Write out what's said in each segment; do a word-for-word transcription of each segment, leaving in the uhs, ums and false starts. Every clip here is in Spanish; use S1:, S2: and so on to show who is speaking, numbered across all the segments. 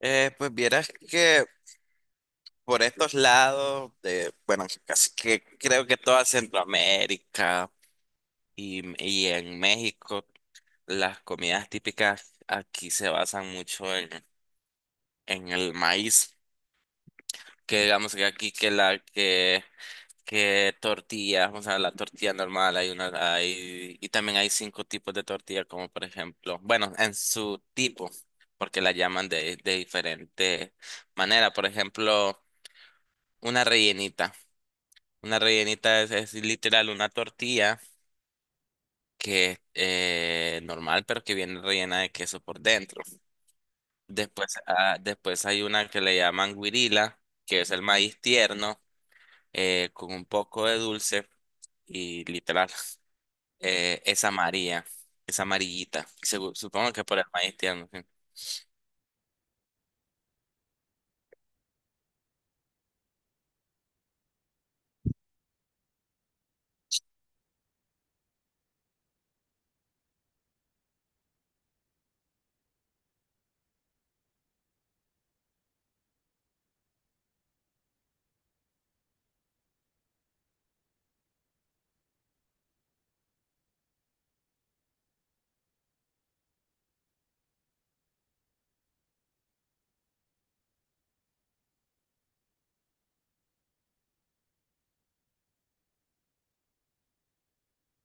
S1: Eh, pues vieras que por estos lados, de, bueno, casi que creo que toda Centroamérica y, y en México, las comidas típicas aquí se basan mucho en, en el maíz, que digamos que aquí que la que, que tortilla, o sea, la tortilla normal, hay una, hay, y también hay cinco tipos de tortilla, como por ejemplo, bueno, en su tipo, porque la llaman de, de diferente manera, por ejemplo, una rellenita. Una rellenita es, es literal una tortilla que es eh, normal, pero que viene rellena de queso por dentro. Después, ah, después hay una que le llaman guirila, que es el maíz tierno eh, con un poco de dulce y literal eh, es amarilla, es amarillita. Segu- supongo que por el maíz tierno. Sí.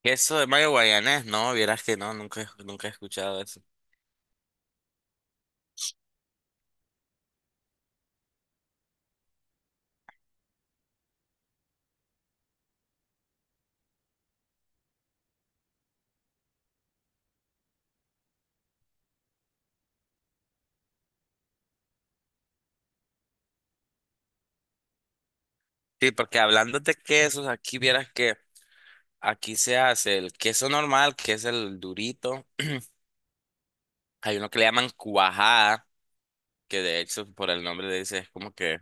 S1: Queso de mayo guayanés, no, vieras que no, nunca, he- nunca he escuchado eso. Sí, porque hablando de quesos, aquí vieras que Aquí se hace el queso normal, que es el durito. Hay uno que le llaman cuajada, que de hecho por el nombre le dice, es como que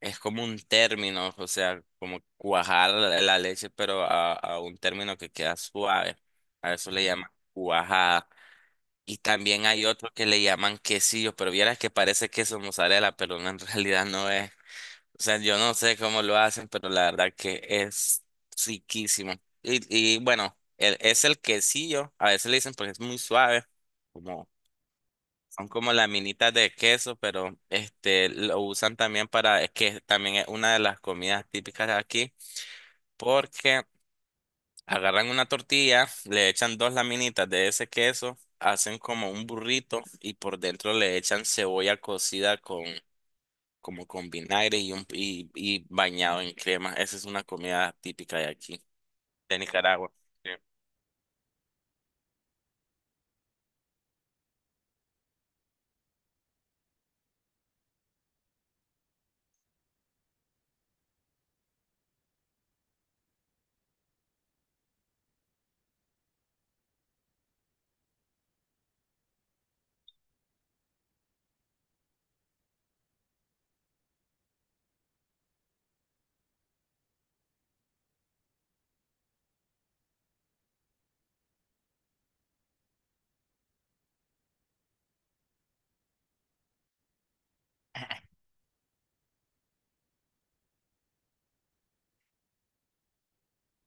S1: Es como un término, o sea, como cuajar la, la leche, pero a, a un término que queda suave. A eso le llaman cuajada. Y también hay otro que le llaman quesillo, pero vieras que parece queso mozzarella, pero no, en realidad no es. O sea, yo no sé cómo lo hacen, pero la verdad que es riquísimo. Y, y bueno, el- es el quesillo, a veces le dicen porque es muy suave, como, son como laminitas de queso, pero este lo usan también para, es que también es una de las comidas típicas de aquí, porque agarran una tortilla, le echan dos laminitas de ese queso, hacen como un burrito y por dentro le echan cebolla cocida como con vinagre y, un, y, y bañado en crema. Esa es una comida típica de aquí, de Nicaragua. Sí.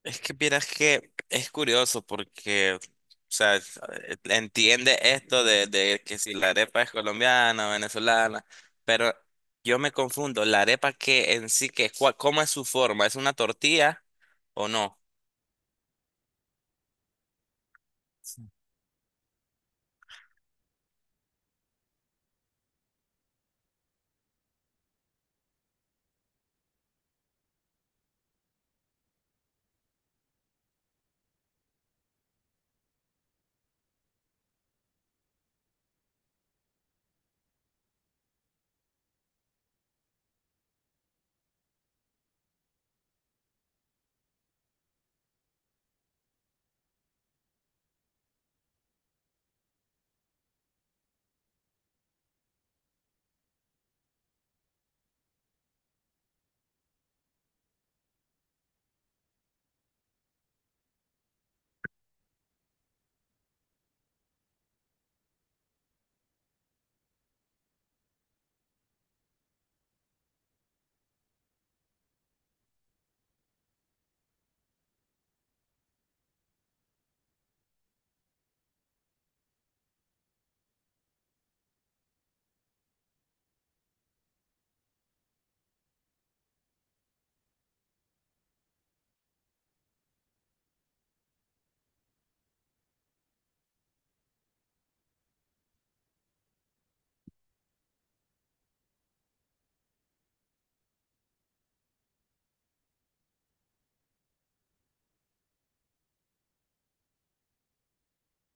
S1: Es que vieras que es curioso porque, o sea, es- eh, entiende esto de, de que si la arepa es colombiana o venezolana, pero yo me confundo, la arepa que en sí, que, cua- ¿cómo es su forma? ¿Es una tortilla o no?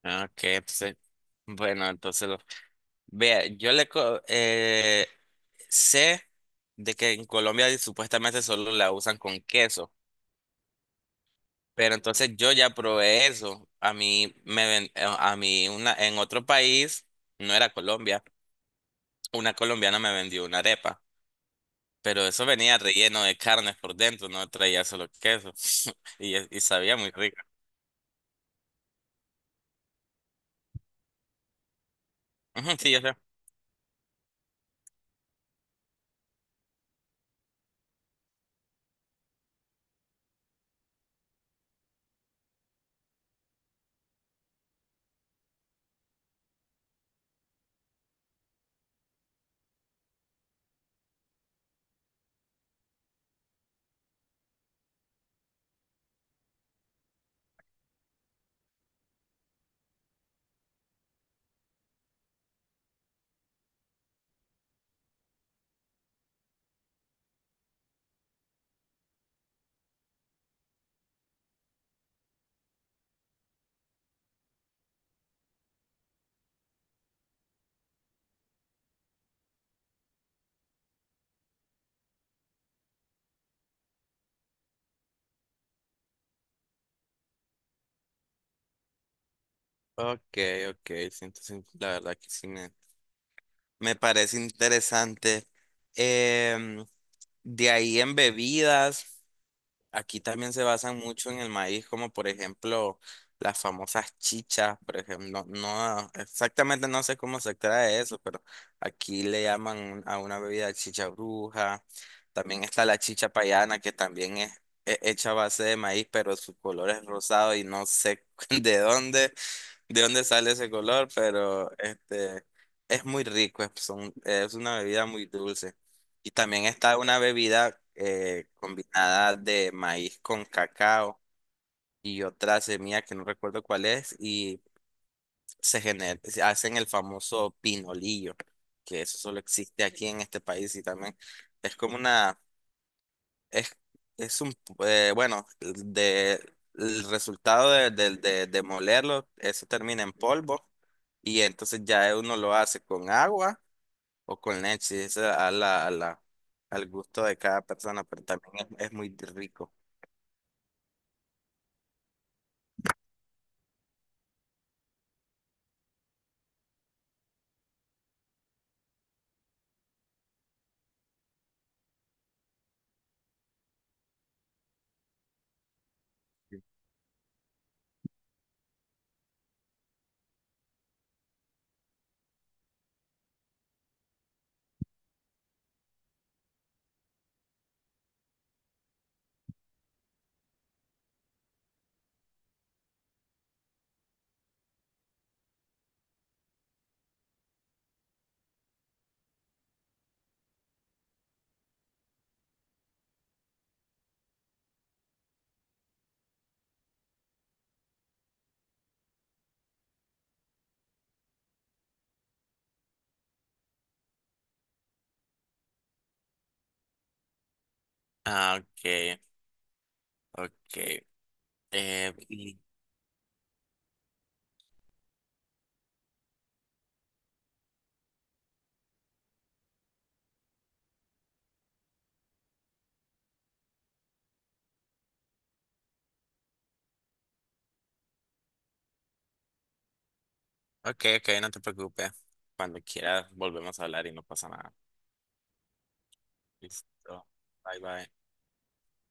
S1: Ah, ok, entonces, bueno, entonces, lo- vea, yo le, co- eh, sé de que en Colombia supuestamente solo la usan con queso, pero entonces yo ya probé eso. A mí me ven- eh, a mí una en otro país, no era Colombia, una colombiana me vendió una arepa, pero eso venía relleno de carnes por dentro, no traía solo queso y, y sabía muy rica. Ujú. Sí, yo sé. Okay, okay, sí, entonces la verdad que sí me, me parece interesante. Em, de ahí en bebidas. Aquí también se basan mucho en el maíz, como por ejemplo las famosas chichas, por ejemplo, no, no, exactamente no sé cómo se trae eso, pero aquí le llaman un- a una bebida chicha bruja. También está la chicha payana, que también es, he- hecha a base de maíz, pero su color es rosado y no sé de dónde, de dónde sale ese color, pero este es muy rico, es, son- es una bebida muy dulce. Y también está una bebida eh, combinada de maíz con cacao y otra semilla que no recuerdo cuál es, y se genera se hacen el famoso pinolillo, que eso solo existe aquí en este país y también es como una es, es un, eh, bueno, de, el resultado de, de, de, de molerlo, eso termina en polvo y entonces ya uno lo hace con agua o con leche, eso a la, a la, al gusto de cada persona, pero también es, es muy rico. Ah, ok, ok. Eh, y- ok, ok, no te preocupes. Cuando quieras volvemos a hablar y no pasa nada. Listo. Bye, bye.